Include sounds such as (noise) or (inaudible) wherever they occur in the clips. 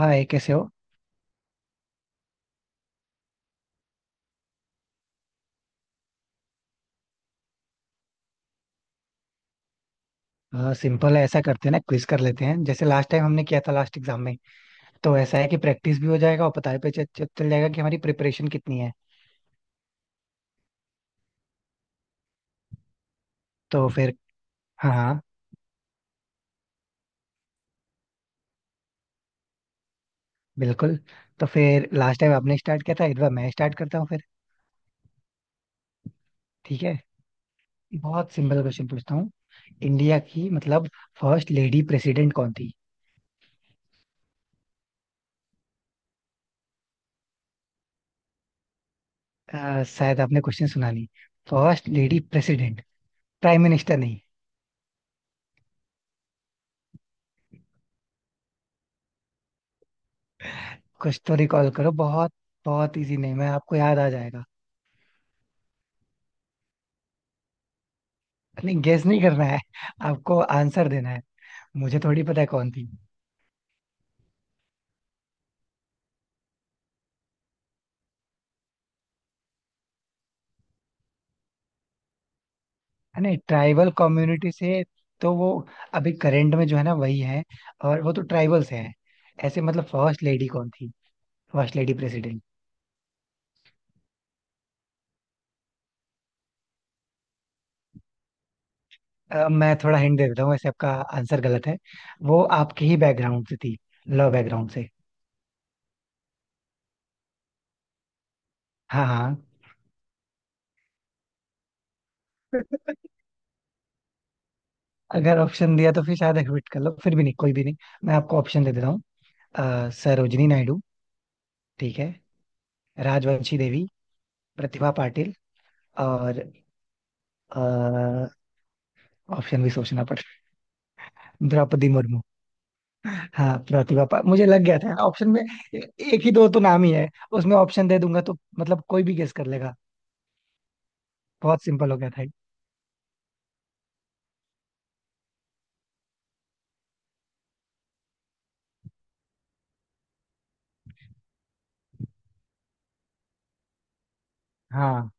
हाँ ये कैसे हो। सिंपल है ऐसा करते हैं ना, क्विज कर लेते हैं जैसे लास्ट टाइम हमने किया था लास्ट एग्जाम में। तो ऐसा है कि प्रैक्टिस भी हो जाएगा और पता भी चल चल- चल जाएगा कि हमारी प्रिपरेशन कितनी है। तो फिर हाँ हाँ। बिल्कुल। तो फिर लास्ट टाइम आपने स्टार्ट किया था, इस बार मैं स्टार्ट करता हूँ फिर। ठीक है। बहुत सिंपल क्वेश्चन पूछता हूँ। इंडिया की मतलब फर्स्ट लेडी प्रेसिडेंट कौन थी? शायद आपने क्वेश्चन सुना नहीं। First lady president, prime minister नहीं। कुछ तो रिकॉल करो। बहुत बहुत इजी नहीं, मैं आपको याद आ जाएगा। नहीं, गेस नहीं करना है। आपको आंसर देना है। मुझे थोड़ी पता है कौन थी। है नहीं ट्राइबल कम्युनिटी से। तो वो अभी करेंट में जो है ना वही है, और वो तो ट्राइबल से है। ऐसे मतलब फर्स्ट लेडी कौन थी, फर्स्ट लेडी प्रेसिडेंट। मैं थोड़ा हिंट दे देता हूँ वैसे। आपका आंसर गलत है। वो आपके ही बैकग्राउंड से थी, लॉ बैकग्राउंड से। हाँ हाँ। अगर ऑप्शन दिया तो फिर शायद एक्विट कर लो, फिर भी नहीं कोई भी नहीं। मैं आपको ऑप्शन दे देता हूँ। सरोजिनी नायडू, ठीक है। राजवंशी देवी। प्रतिभा पाटिल। और ऑप्शन भी सोचना पड़ेगा। द्रौपदी मुर्मू। हाँ, मुझे लग गया था ऑप्शन में। ए- एक ही दो तो नाम ही है। उसमें ऑप्शन दे दूंगा तो मतलब कोई भी गेस कर लेगा। बहुत सिंपल हो गया था ये। हाँ,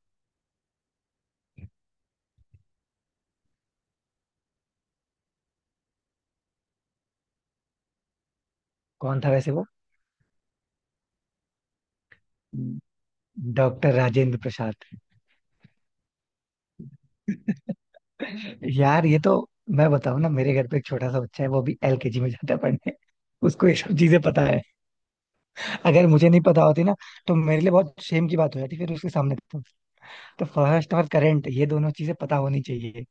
कौन था वैसे वो? डॉक्टर राजेंद्र प्रसाद। यार ये तो, मैं बताऊं ना, मेरे घर पे एक छोटा सा बच्चा है, वो भी एलकेजी में जाता है पढ़ने। उसको ये सब चीजें पता है। अगर मुझे नहीं पता होती ना, तो मेरे लिए बहुत शेम की बात हो जाती फिर उसके सामने तो। तो फर्स्ट और करंट ये दोनों चीजें पता होनी चाहिए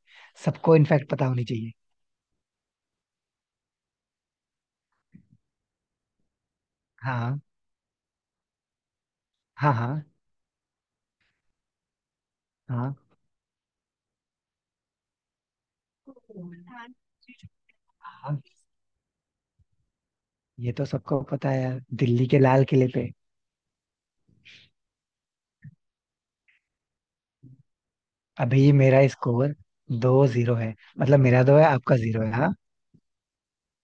सबको, इनफैक्ट पता होनी चाहिए। हाँ हाँ। हाँ हाँ। हाँ, ये तो सबको पता है यार, दिल्ली के लाल किले पे। अभी मेरा स्कोर दो जीरो है, मतलब मेरा दो है आपका जीरो है हाँ।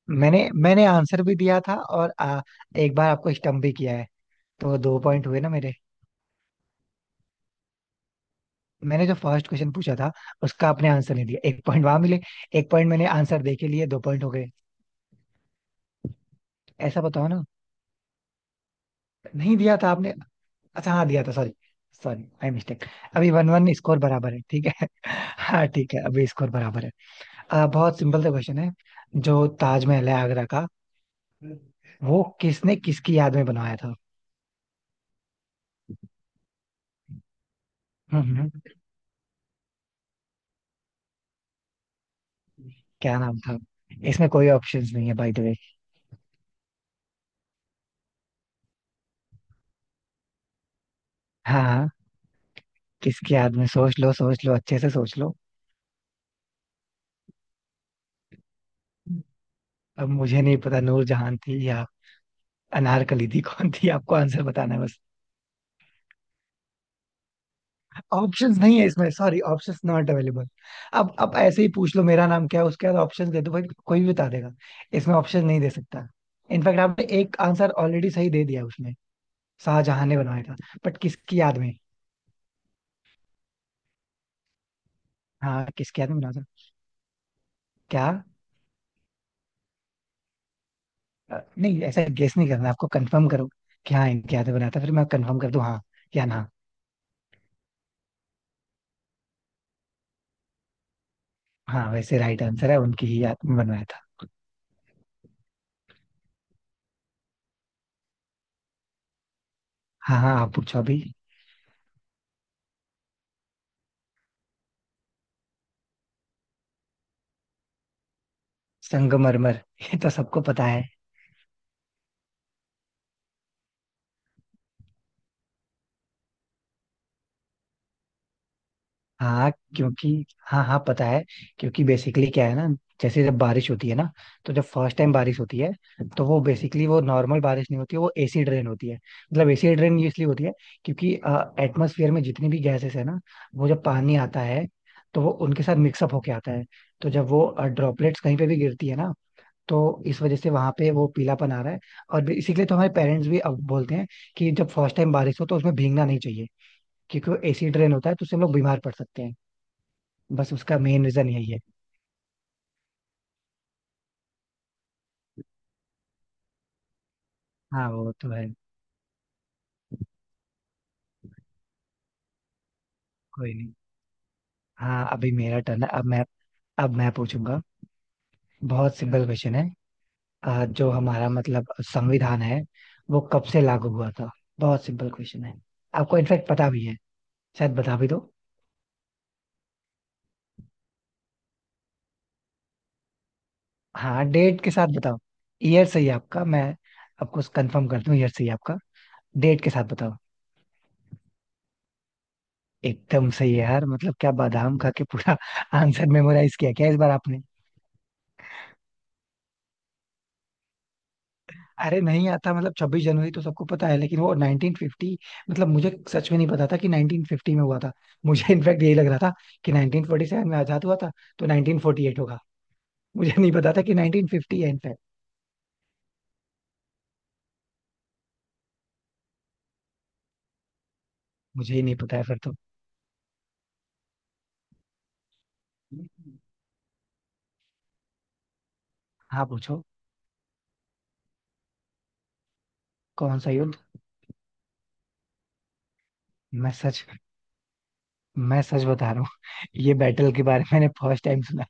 मैंने मैंने आंसर भी दिया था और एक बार आपको स्टम्प भी किया है, तो दो पॉइंट हुए ना मेरे। मैंने जो फर्स्ट क्वेश्चन पूछा था उसका आपने आंसर नहीं दिया, एक पॉइंट वहां मिले, एक पॉइंट मैंने आंसर दे के लिए, दो पॉइंट हो गए। ऐसा बताओ ना, नहीं दिया था आपने। अच्छा हाँ, दिया था, सॉरी। Sorry I mistake. अभी वन वन स्कोर बराबर है, ठीक है। (laughs) हाँ, ठीक है, अभी स्कोर बराबर है। बहुत सिंपल सा क्वेश्चन है। जो ताजमहल है आगरा का, वो किसने किसकी याद में बनवाया था? हम्म हम्म, क्या नाम था? इसमें कोई ऑप्शंस नहीं है बाय द वे। हाँ हाँ। किसकी याद में, सोच लो, सोच लो, अच्छे से सोच लो। अब मुझे नहीं पता नूरजहान थी या अनारकली थी कौन थी, आपको आंसर बताना है बस। ऑप्शंस नहीं है इसमें, सॉरी, ऑप्शंस नॉट अवेलेबल। अब ऐसे ही पूछ लो मेरा नाम क्या है, उसके बाद ऑप्शन दे दो भाई, कोई भी बता देगा। इसमें ऑप्शन नहीं दे सकता। इनफैक्ट आपने एक आंसर ऑलरेडी सही दे दिया उसमें, शाहजहां ने बनवाया था, बट किसकी याद में? हाँ, किसकी याद में बनाया था? क्या? नहीं, ऐसा गेस नहीं करना, आपको कंफर्म करो कि हाँ इनकी याद में बनाया था, फिर मैं कंफर्म कर दूं हाँ या ना। हाँ, वैसे राइट आंसर है, उनकी ही याद में बनवाया था। हाँ हाँ, आप पूछो अभी। संगमरमर, ये तो सबको पता है। हाँ। क्योंकि, हाँ हाँ पता है, क्योंकि बेसिकली क्या है ना, जैसे जब बारिश होती है ना, तो जब फर्स्ट टाइम बारिश होती है, तो वो बेसिकली वो नॉर्मल बारिश नहीं होती है, वो एसिड रेन होती है। मतलब एसिड रेन इसलिए होती है क्योंकि एटमॉस्फेयर में जितनी भी गैसेस है ना, वो जब पानी आता है तो वो उनके साथ मिक्सअप होके आता है। तो जब वो ड्रॉपलेट्स कहीं पे भी गिरती है ना, तो इस वजह से वहां पे वो पीलापन आ रहा है। और इसीलिए तो हमारे पेरेंट्स भी अब बोलते हैं कि जब फर्स्ट टाइम बारिश हो तो उसमें भीगना नहीं चाहिए, क्योंकि वो एसिड रेन होता है, तो उससे हम लोग बीमार पड़ सकते हैं। बस उसका मेन रीजन यही है। हाँ वो तो है। कोई नहीं। हाँ अभी मेरा टर्न है, अब मैं, अब मैं पूछूंगा। बहुत सिंपल क्वेश्चन है। जो हमारा मतलब संविधान है, वो कब से लागू हुआ था? बहुत सिंपल क्वेश्चन है, आपको इनफेक्ट पता भी है, शायद बता भी दो। हाँ, डेट के साथ बताओ। ईयर सही है आपका, मैं आपको कंफर्म करता हूँ, ईयर सही है आपका, डेट के साथ बताओ। एकदम सही है यार, मतलब क्या बादाम खा के पूरा (laughs) आंसर मेमोराइज किया क्या इस बार आपने? अरे, नहीं आता मतलब छब्बीस जनवरी तो सबको पता है, लेकिन वो 1950, मतलब मुझे सच में नहीं पता था कि 1950 में हुआ था मुझे। (laughs) इनफैक्ट यही लग रहा था कि 1947 में आजाद हुआ था, तो 1948 होगा, मुझे नहीं पता था कि 1950 है इनफैक्ट। मुझे ही नहीं पता है फिर तो। हाँ पूछो। कौन सा युद्ध? मैं सच मैं सच बता रहा हूँ, ये बैटल के बारे में मैंने फर्स्ट टाइम सुना।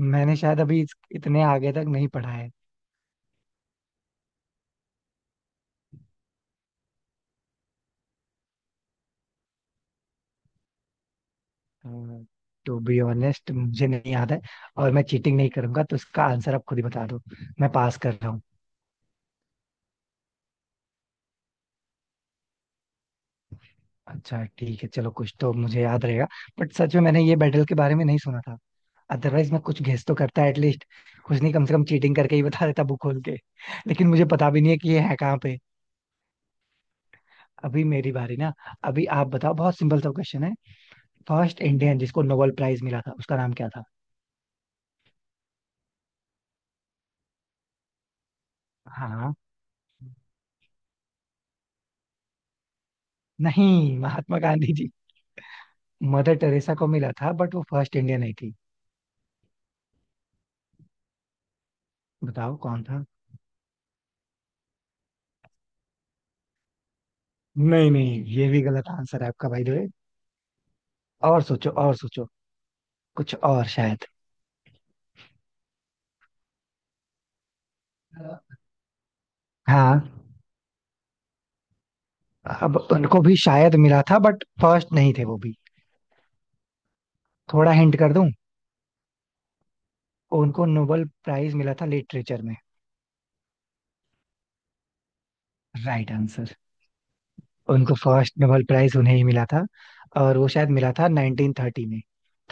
मैंने शायद अभी इतने आगे तक नहीं पढ़ा है। टू बी ऑनेस्ट मुझे नहीं याद है, और मैं चीटिंग नहीं करूंगा, तो इसका आंसर आप खुद ही बता दो, मैं पास कर रहा हूँ। अच्छा ठीक है चलो, कुछ तो मुझे याद रहेगा। बट सच में मैंने ये बैटल के बारे में नहीं सुना था, अदरवाइज मैं कुछ गेस तो करता एटलीस्ट। कुछ नहीं, कम से कम चीटिंग करके ही बता देता बुक खोल के, लेकिन मुझे पता भी नहीं है कि ये है कहाँ पे। अभी मेरी बारी ना, अभी आप बताओ। बहुत सिंपल सा क्वेश्चन है। फर्स्ट इंडियन जिसको नोबेल प्राइज मिला था उसका नाम क्या था? हाँ। नहीं महात्मा गांधी जी, मदर टेरेसा को मिला था, बट वो फर्स्ट इंडियन नहीं थी। बताओ कौन था। नहीं नहीं, ये भी गलत आंसर है आपका, भाई द वे। और सोचो, और सोचो, कुछ और शायद। हाँ, अब उनको भी शायद मिला था बट फर्स्ट नहीं थे वो भी। थोड़ा हिंट कर दूं? उनको नोबेल प्राइज मिला था लिटरेचर में। Right answer. उनको फर्स्ट नोबेल प्राइज, उन्हें ही मिला था। और वो शायद मिला था 1930 में,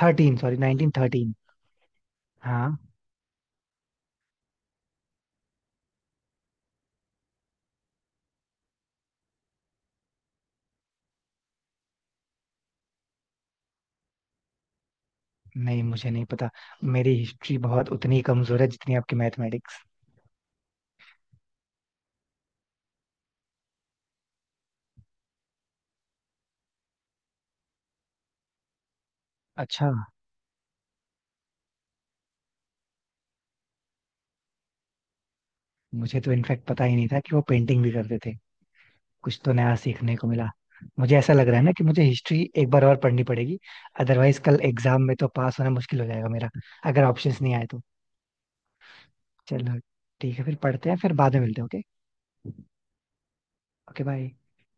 थर्टीन सॉरी 1913। हाँ। नहीं मुझे नहीं पता। मेरी हिस्ट्री बहुत उतनी कमजोर है जितनी आपकी मैथमेटिक्स। अच्छा। मुझे तो इनफैक्ट पता ही नहीं था कि वो पेंटिंग भी करते थे, कुछ तो नया सीखने को मिला। मुझे ऐसा लग रहा है ना कि मुझे हिस्ट्री एक बार और पढ़नी पड़ेगी, अदरवाइज कल एग्जाम में तो पास होना मुश्किल हो जाएगा मेरा, अगर ऑप्शंस नहीं आए तो। चलो ठीक है फिर, पढ़ते हैं फिर, बाद में मिलते हैं, ओके। Okay bye.